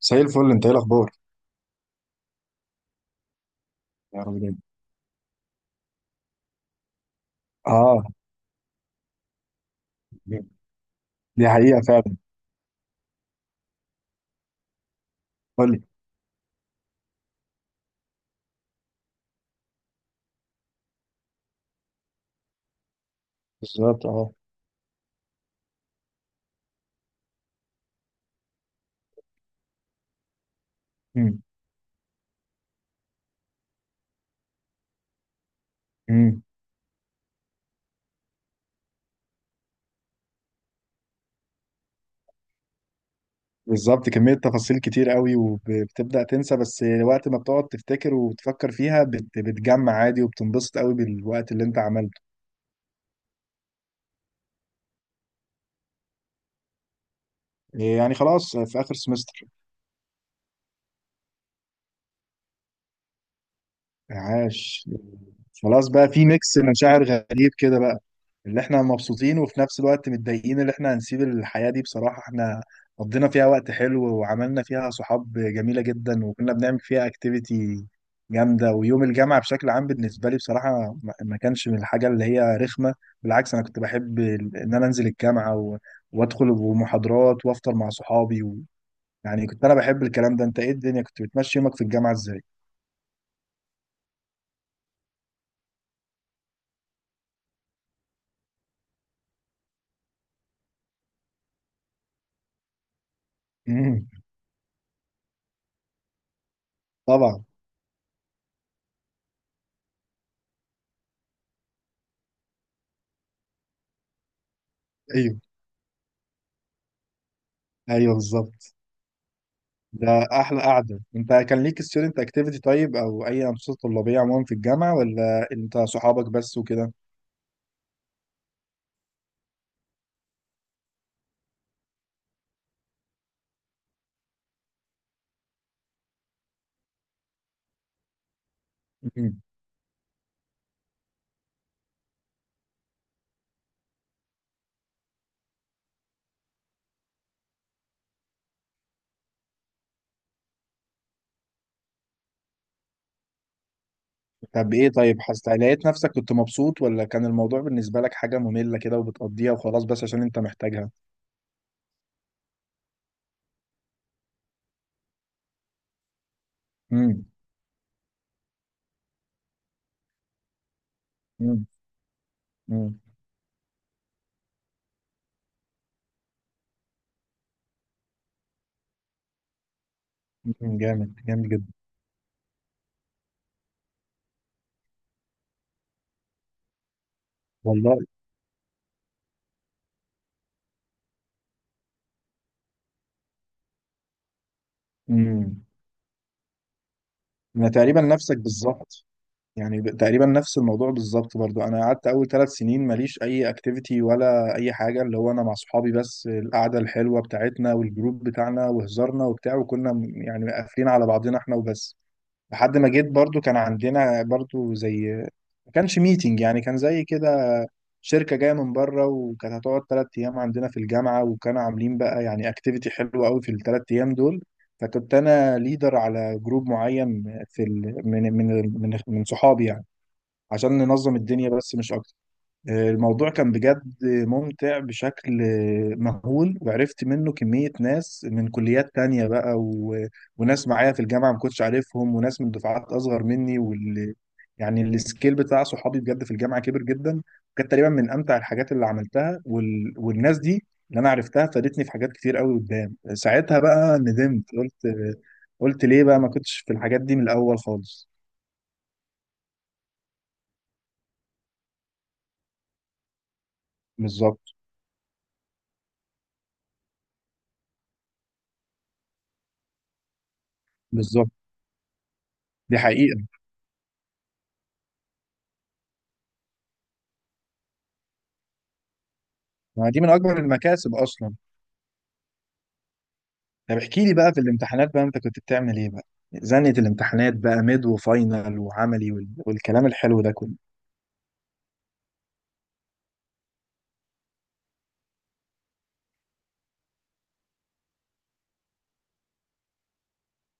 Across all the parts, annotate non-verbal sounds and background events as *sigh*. زي الفل، انت ايه الاخبار؟ يا رب دايما. اه. دي حقيقه فعلا. قول لي. بالظبط، اه. مم. مم. بالظبط، كميه تفاصيل كتير قوي وبتبدا تنسى، بس وقت ما بتقعد تفتكر وتفكر فيها بتجمع عادي وبتنبسط قوي بالوقت اللي انت عملته. إيه يعني خلاص، في اخر سمستر. عاش. خلاص بقى، في ميكس مشاعر غريب كده بقى، اللي احنا مبسوطين وفي نفس الوقت متضايقين اللي احنا هنسيب الحياة دي. بصراحة احنا قضينا فيها وقت حلو، وعملنا فيها صحاب جميلة جدا، وكنا بنعمل فيها اكتيفيتي جامدة، ويوم الجامعة بشكل عام بالنسبة لي بصراحة ما كانش من الحاجة اللي هي رخمة. بالعكس، انا كنت بحب ان انا انزل الجامعة وادخل ومحاضرات وافطر مع صحابي يعني كنت انا بحب الكلام ده. انت ايه الدنيا، كنت بتمشي يومك في الجامعة ازاي؟ *laughs* مم، طبعا. ايوه. ايوه بالظبط. ده احلى قعده. انت كان ليك ستودنت اكتيفيتي طيب، او اي انشطه طلابيه عموما في الجامعه، ولا انت صحابك بس وكده؟ مم. طب ايه، طيب حسيت لقيت نفسك كنت مبسوط، ولا كان الموضوع بالنسبه لك حاجه ممله كده وبتقضيها وخلاص بس عشان انت محتاجها؟ امم. امم. امم. جامد جامد جدا. والله. امم. انا تقريبا نفسك بالظبط، يعني تقريبا نفس الموضوع بالظبط. برضو انا قعدت اول ثلاث سنين ماليش اي اكتيفيتي ولا اي حاجه، اللي هو انا مع صحابي بس، القعده الحلوه بتاعتنا والجروب بتاعنا وهزارنا وبتاع، وكنا يعني قافلين على بعضنا احنا وبس. لحد ما جيت، برضو كان عندنا برضو زي، ما كانش ميتنج يعني، كان زي كده شركة جاية من بره، وكانت هتقعد تلات أيام عندنا في الجامعة، وكانوا عاملين بقى يعني اكتيفيتي حلوة قوي في التلات أيام دول. فكنت أنا ليدر على جروب معين، في من صحابي يعني، عشان ننظم الدنيا بس مش أكتر. الموضوع كان بجد ممتع بشكل مهول، وعرفت منه كمية ناس من كليات تانية بقى وناس معايا في الجامعة ما كنتش عارفهم، وناس من دفعات أصغر مني يعني السكيل بتاع صحابي بجد في الجامعة كبر جدا. كانت تقريبا من أمتع الحاجات اللي عملتها، والناس دي اللي أنا عرفتها فادتني في حاجات كتير قوي قدام. ساعتها بقى ندمت، قلت قلت ليه بقى ما كنتش في الحاجات دي من الأول خالص. بالظبط. بالظبط دي حقيقة. ما دي من أكبر المكاسب أصلا. طب احكي لي بقى، في الامتحانات بقى انت كنت بتعمل ايه بقى؟ زنة الامتحانات بقى، ميد وفاينل وعملي والكلام الحلو ده كله.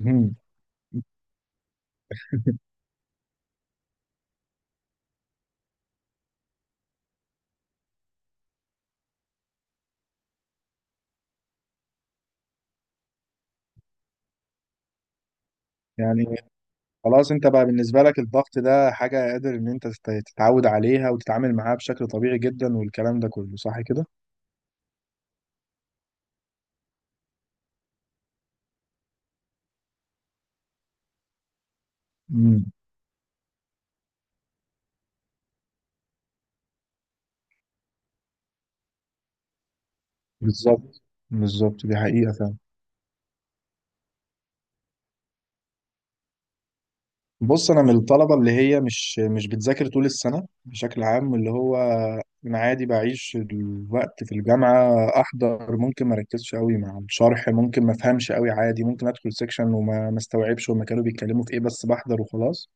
مهم. يعني خلاص انت بقى، بالنسبة لك الضغط ده حاجة قادر ان انت تتعود عليها وتتعامل معاها بشكل طبيعي جدا، والكلام ده كله، صح كده؟ امم. بالظبط. بالظبط دي حقيقة فعلا. بص، انا من الطلبه اللي هي مش بتذاكر طول السنه بشكل عام، اللي هو انا عادي بعيش الوقت في الجامعه، احضر، ممكن ما اركزش قوي مع الشرح، ممكن ما افهمش قوي عادي، ممكن ادخل سيكشن وما ما استوعبش هما كانوا بيتكلموا في ايه، بس بحضر وخلاص.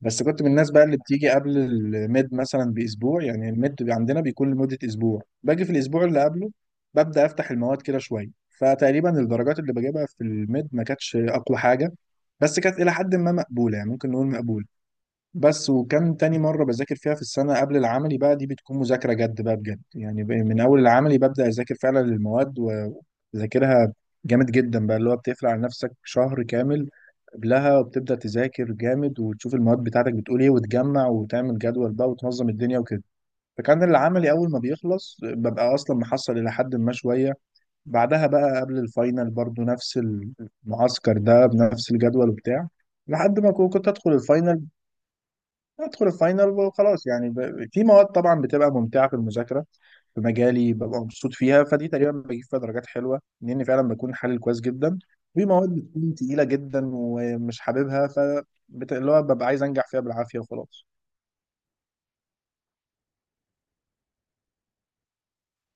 بس كنت من الناس بقى اللي بتيجي قبل الميد مثلا باسبوع، يعني الميد عندنا بيكون لمده اسبوع، باجي في الاسبوع اللي قبله ببدا افتح المواد كده شويه. فتقريبا الدرجات اللي بجيبها في الميد ما كانتش اقوى حاجه، بس كانت الى حد ما مقبوله، يعني ممكن نقول مقبوله. بس وكان تاني مرة بذاكر فيها في السنة قبل العملي بقى، دي بتكون مذاكرة جد بقى بجد، يعني من أول العملي ببدأ أذاكر فعلا للمواد وبذاكرها جامد جدا بقى، اللي هو بتقفل على نفسك شهر كامل قبلها، وبتبدأ تذاكر جامد، وتشوف المواد بتاعتك بتقول إيه، وتجمع، وتعمل جدول بقى، وتنظم الدنيا وكده. فكان العملي أول ما بيخلص ببقى أصلا محصل إلى حد ما شوية. بعدها بقى قبل الفاينل برضو نفس المعسكر ده بنفس الجدول وبتاع، لحد ما كنت ادخل الفاينل وخلاص، يعني في مواد طبعا بتبقى ممتعه في المذاكره، في مجالي ببقى مبسوط فيها، فدي تقريبا بجيب فيها درجات حلوه لاني فعلا بكون حلل كويس جدا. في مواد بتكون تقيله جدا ومش حاببها، ف اللي هو ببقى عايز انجح فيها بالعافيه وخلاص.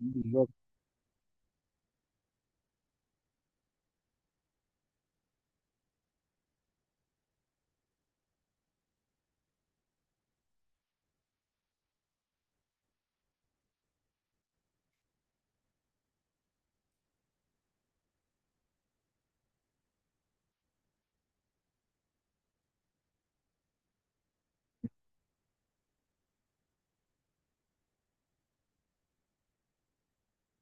بالظبط.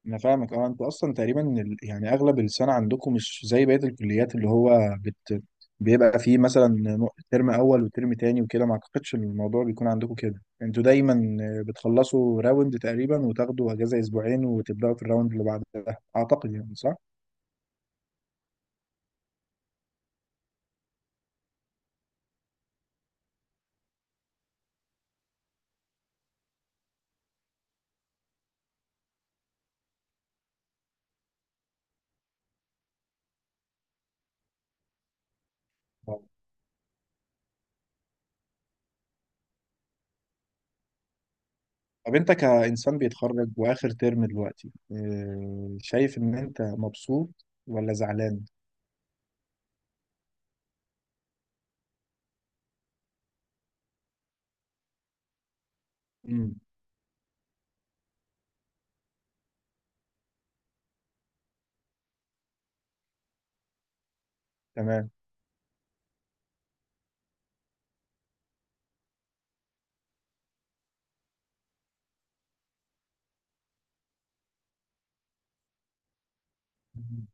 انا فاهمك، اه انتوا اصلا تقريبا يعني اغلب السنه عندكم مش زي بقيه الكليات، اللي هو بيبقى فيه مثلا ترم اول وترم تاني وكده، ما اعتقدش ان الموضوع بيكون عندكم كده. انتوا دايما بتخلصوا راوند تقريبا وتاخدوا اجازه اسبوعين وتبداوا في الراوند اللي بعدها، اعتقد يعني، صح؟ طب، طب انت كانسان بيتخرج واخر ترم دلوقتي، شايف ان انت مبسوط ولا زعلان؟ امم. تمام. مم.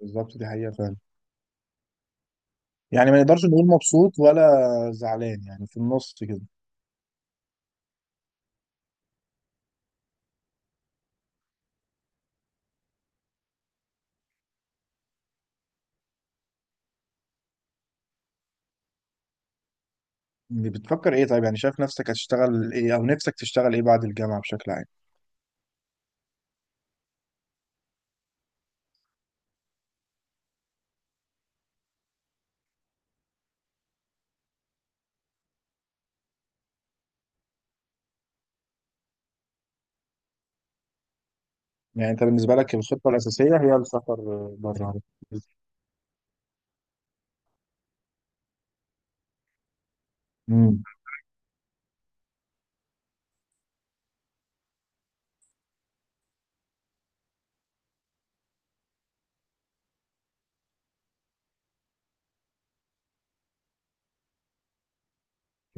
بالظبط دي حقيقه فعلا. يعني ما نقدرش نقول مبسوط ولا زعلان، يعني في النص كده. بتفكر ايه طيب؟ يعني شايف نفسك هتشتغل ايه، او نفسك تشتغل ايه بعد الجامعة بشكل عام؟ يعني انت بالنسبة لك الخطة الأساسية هي السفر بره؟ امم.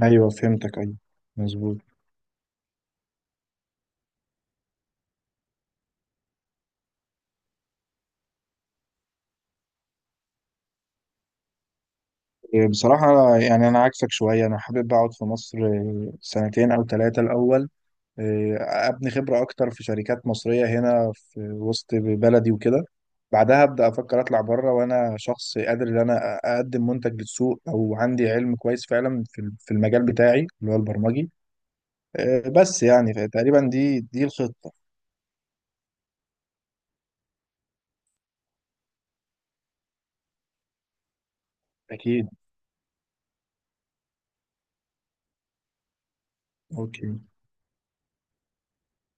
ايوه فهمتك. ايوه مظبوط. بصراحة يعني أنا عكسك شوية، أنا حابب أقعد في مصر سنتين أو ثلاثة الأول. آه، ابني خبرة اكتر في شركات مصرية هنا في وسط بلدي وكده. بعدها ابدا افكر اطلع بره، وانا شخص قادر ان انا اقدم منتج للسوق او عندي علم كويس فعلا في في المجال بتاعي اللي هو البرمجي. بس يعني تقريبا دي الخطة. أكيد. أوكي.